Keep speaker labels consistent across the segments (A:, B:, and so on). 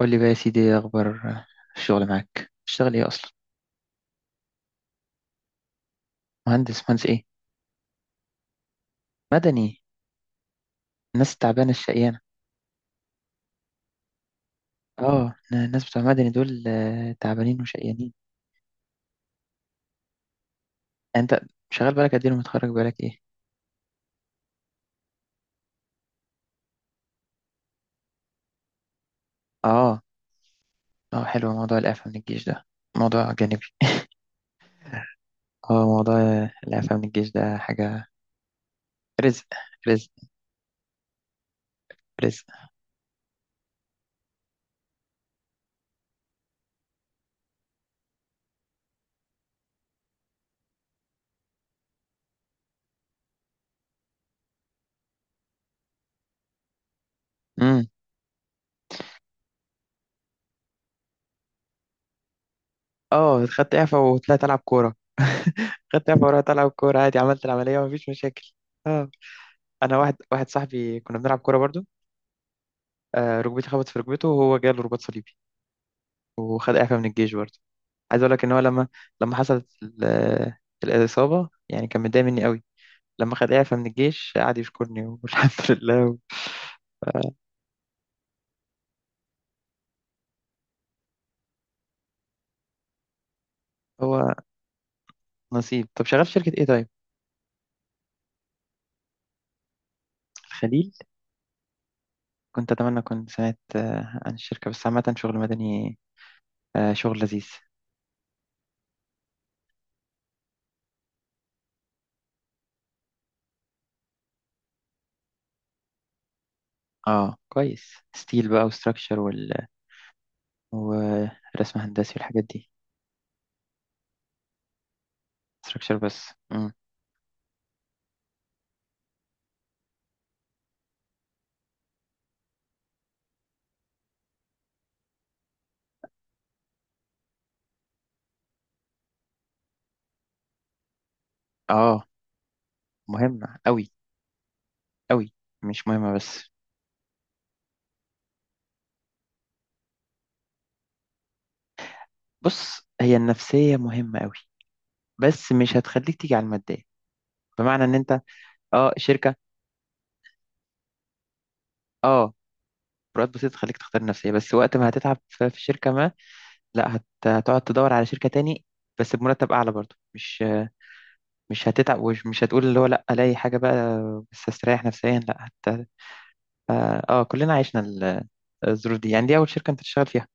A: قول لي بقى يا سيدي ايه اخبار الشغل معاك؟ بتشتغل ايه اصلا؟ مهندس ايه؟ مدني؟ الناس التعبانه الشقيانه. اه الناس بتوع مدني دول تعبانين وشقيانين. يعني انت شغال بالك قد ايه ومتخرج بالك ايه؟ اه. اه حلو، موضوع الاعفاء من الجيش ده موضوع جانبي. اه، موضوع الاعفاء من الجيش ده حاجه، رزق، رزق، رزق. امم اه خدت اعفاء وطلعت العب كوره خدت اعفاء ورحت العب كوره عادي، عملت العمليه ومفيش مشاكل. اه انا واحد واحد صاحبي كنا بنلعب كوره برضو، ركبتي خبطت في ركبته وهو جاله رباط صليبي وخد إعفاء من الجيش برضه. عايز أقول لك إن هو لما لما حصلت ال- الإصابة يعني كان متضايق مني قوي. لما خد إعفاء من الجيش قعد يشكرني والحمد لله. هو نصيب. طب شغال في شركة إيه طيب؟ الخليل. كنت أتمنى، كنت سمعت عن الشركة، بس عامة شغل مدني، شغل لذيذ. اه كويس، ستيل بقى وستراكشر ورسم هندسي والحاجات دي. ستراكشر بس. مم. اه مهمة أوي. أوي، مش مهمة بس. بص هي النفسية مهمة قوي، بس مش هتخليك تيجي على المادية، بمعنى ان انت. اه شركة. اه، فروقات بسيطة تخليك تختار النفسية، بس وقت ما هتتعب في شركة ما، لا هت... هتقعد تدور على شركة تاني بس بمرتب اعلى برضه، مش هتتعب ومش مش هتقول اللي هو لا، الاقي حاجة بقى بس استريح نفسيا، لا هت... اه كلنا عشنا الظروف دي. يعني دي اول شركة انت تشتغل فيها؟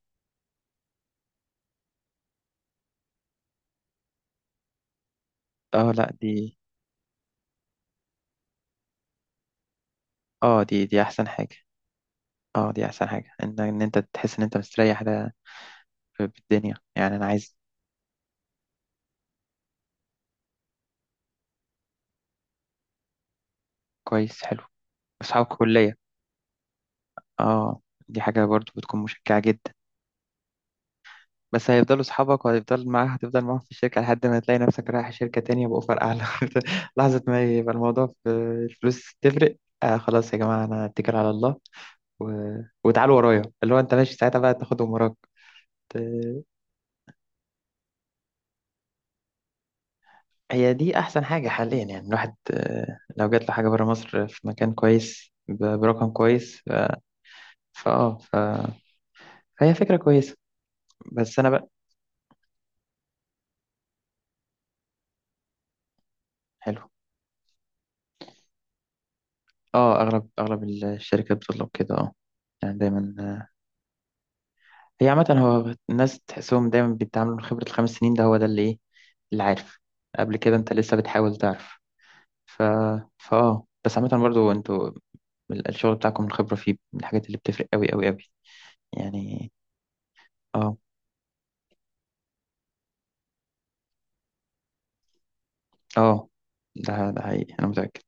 A: اه لا دي. اه، دي احسن حاجة، اه دي احسن حاجة ان انت تحس ان انت مستريح، ده في الدنيا يعني. انا عايز. كويس، حلو. أصحاب كلية. اه دي حاجة برضو بتكون مشجعة جدا. بس هيفضلوا أصحابك وهيفضل معاها، هتفضل معاهم في الشركة لحد ما تلاقي نفسك رايح شركة تانية بأوفر أعلى لحظة ما يبقى الموضوع في الفلوس تفرق. آه خلاص يا جماعة، أنا أتكل على الله و... وتعالوا ورايا، اللي هو أنت ماشي ساعتها بقى تاخدهم وراك. ت- هي دي أحسن حاجة حاليا، يعني الواحد لو جات له حاجة برا مصر في مكان كويس برقم كويس، فأه ف... فهي فكرة كويسة. بس أنا بقى. حلو. اه، اغلب الشركات بتطلب كده اه. يعني دايما هي عامة هو الناس تحسهم دايما بيتعاملوا من خبرة الخمس سنين، ده هو ده اللي ايه، اللي عارف. قبل كده انت لسه بتحاول تعرف. ف فاه بس عامة برضو انتوا الشغل بتاعكم الخبرة فيه من الحاجات اللي بتفرق قوي قوي قوي يعني. اه اه، ده ده حقيقي، انا متأكد.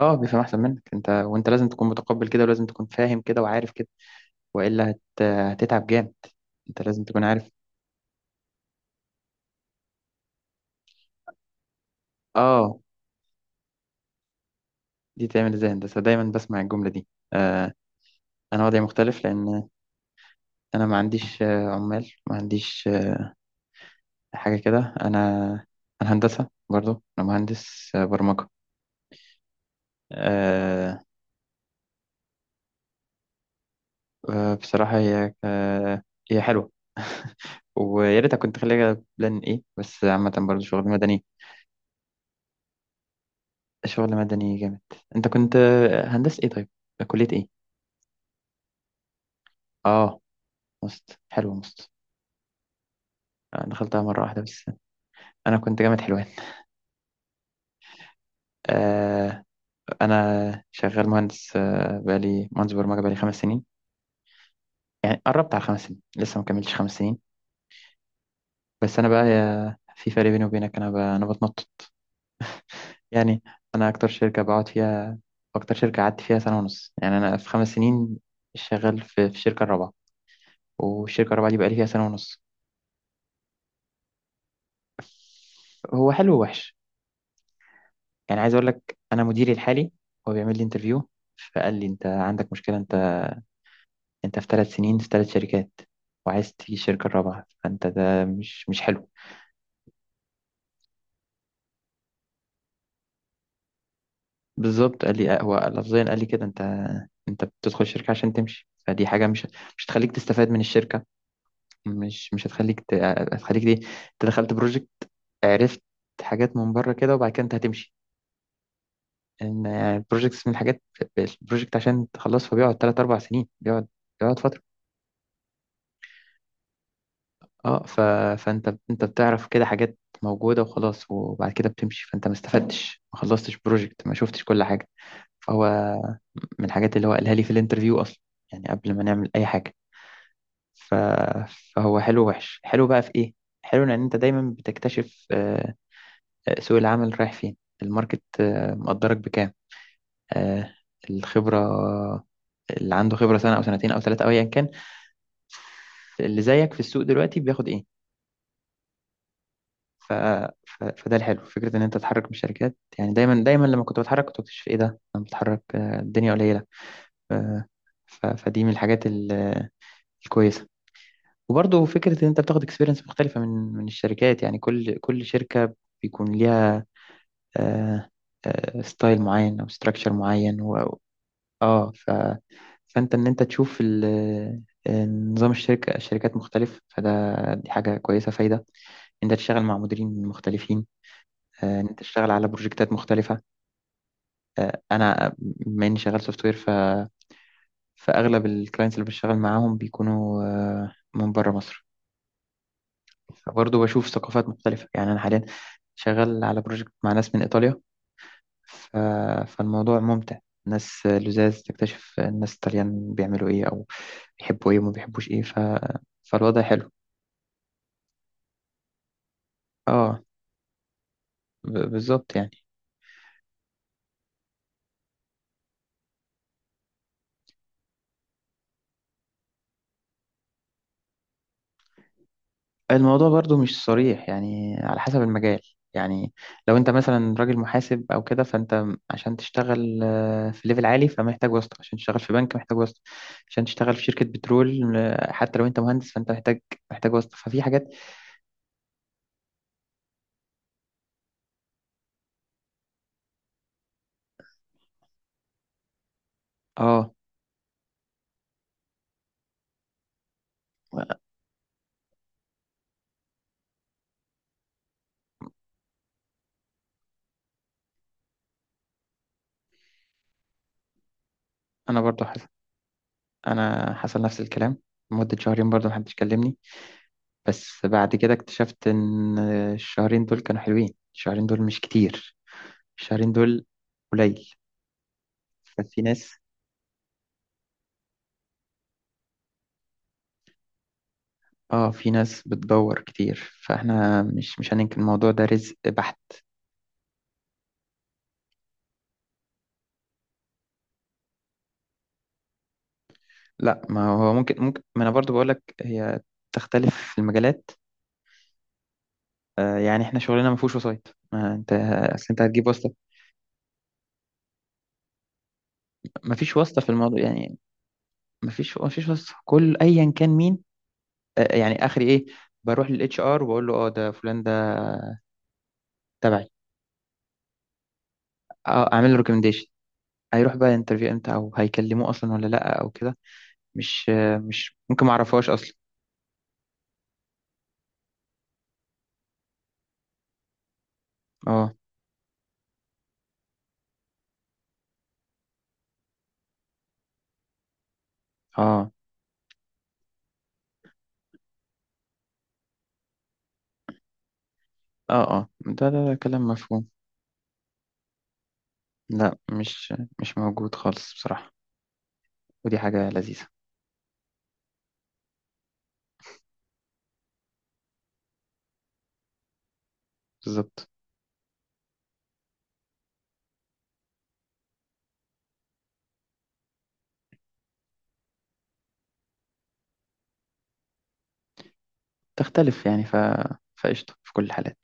A: اه بيفهم احسن منك انت، وانت لازم تكون متقبل كده، ولازم تكون فاهم كده وعارف كده، هتتعب جامد. انت لازم تكون عارف. اه دي تعمل ازاي هندسة، دايما بسمع الجملة دي. آه، انا وضعي مختلف لان انا ما عنديش عمال، ما عنديش حاجة كده. انا انا هندسة برضو، انا مهندس برمجة. آه. بصراحة هي هي حلوة ويا ريت كنت خليها بلان ايه. بس عامة برضو شغل مدني. شغل مدني جامد. انت كنت هندسة ايه طيب، كلية ايه؟ اه مست، حلوة مست. دخلتها مرة واحدة بس. انا كنت جامعة حلوان. آه. انا شغال مهندس بقالي مهندس برمجه بقالي 5 سنين، يعني قربت على 5 سنين، لسه ما كملتش 5 سنين. بس انا بقى في فرق بيني وبينك، انا انا بتنطط يعني. انا اكتر شركه بقعد فيها، اكتر شركه قعدت فيها 1.5 سنه، يعني انا في 5 سنين شغال في الشركه الرابعه، والشركه الرابعه دي بقالي فيها 1.5 سنه. هو حلو ووحش، يعني عايز اقول لك انا مديري الحالي هو بيعمل لي انترفيو، فقال لي انت عندك مشكله، انت في 3 سنين في 3 شركات، وعايز تيجي الشركة الرابعة، فانت ده مش حلو. بالظبط قال لي هو لفظيا، قال لي كده انت بتدخل الشركة عشان تمشي، فدي حاجة مش هتخليك تستفاد من الشركة، مش مش هتخليك ت... هتخليك دي انت دخلت بروجكت، عرفت حاجات من بره كده، وبعد كده انت هتمشي. ان البروجكتس من الحاجات، البروجكت عشان تخلصها بيقعد 3 أو 4 سنين، بيقعد فترة. اه ف... فانت انت بتعرف كده حاجات موجودة وخلاص، وبعد كده بتمشي، فانت ما استفدتش، ما خلصتش بروجكت، ما شفتش كل حاجة. فهو من الحاجات اللي هو قالها لي في الانترفيو اصلا، يعني قبل ما نعمل اي حاجة. ف... فهو حلو ووحش. حلو بقى في ايه، حلو ان انت دايما بتكتشف سوق العمل رايح فين، الماركت مقدرك بكام، آه، الخبرة اللي عنده خبرة سنة او سنتين او ثلاثة او ايا كان، اللي زيك في السوق دلوقتي بياخد ايه. ف... فده الحلو، فكرة إن أنت تتحرك بالشركات، يعني دايما دايما لما كنت بتحرك كنت بكتشف إيه ده، أنا بتحرك الدنيا قليلة. آه، فدي من الحاجات ال... آه، الكويسة. وبرضه فكرة إن أنت بتاخد اكسبيرينس مختلفة من الشركات، يعني كل شركة بيكون ليها آه، ستايل معين أو ستراكشر معين آه فأنت إن أنت تشوف ال... آه، نظام الشركة، الشركات مختلف، فده دي حاجة كويسة فايدة إن أنت تشتغل مع مديرين مختلفين، ان انت تشتغل على بروجكتات مختلفه. انا بما اني شغال سوفت وير، فاغلب الكلاينتس اللي بشتغل معاهم بيكونوا من بره مصر، فبرضه بشوف ثقافات مختلفه. يعني انا حاليا شغال على بروجكت مع ناس من ايطاليا. ف... فالموضوع ممتع، ناس لزاز، تكتشف الناس الطليان بيعملوا ايه، او بيحبوا ايه وما بيحبوش ايه. فالوضع حلو. اه بالظبط يعني. الموضوع برضو مش صريح، يعني على حسب المجال. يعني لو انت مثلا راجل محاسب او كده، فانت عشان تشتغل في ليفل عالي، فمحتاج واسطة، عشان تشتغل في بنك محتاج واسطة، عشان تشتغل في شركة بترول حتى لو انت مهندس فانت محتاج واسطة. ففي حاجات. اه انا برضو حصل، انا حصل نفس الكلام، مدة شهرين برضو محدش كلمني. بس بعد كده اكتشفت ان الشهرين دول كانوا حلوين، الشهرين دول مش كتير، الشهرين دول قليل. ففي ناس، اه في ناس بتدور كتير، فاحنا مش هننكر الموضوع، ده رزق بحت. لا، ما هو ممكن ما انا برضو بقولك هي تختلف في المجالات. آه يعني احنا شغلنا ما فيهوش وسايط، ما انت اصل انت هتجيب واسطه؟ ما فيش واسطه في الموضوع يعني، ما فيش واسطه، كل ايا كان مين. آه يعني اخري ايه، بروح للاتش ار وبقول له اه ده فلان ده تبعي، اه اعمل له ريكومنديشن. هيروح بقى انترفيو امتى، او هيكلموه اصلا ولا لا، او كده مش، آه مش ممكن، ما اعرفهاش اصلا. اه اه اه. اه ده كلام مفهوم. لا مش موجود خالص بصراحة، ودي حاجة لذيذة. بالظبط. تختلف يعني، فقشطة في كل الحالات.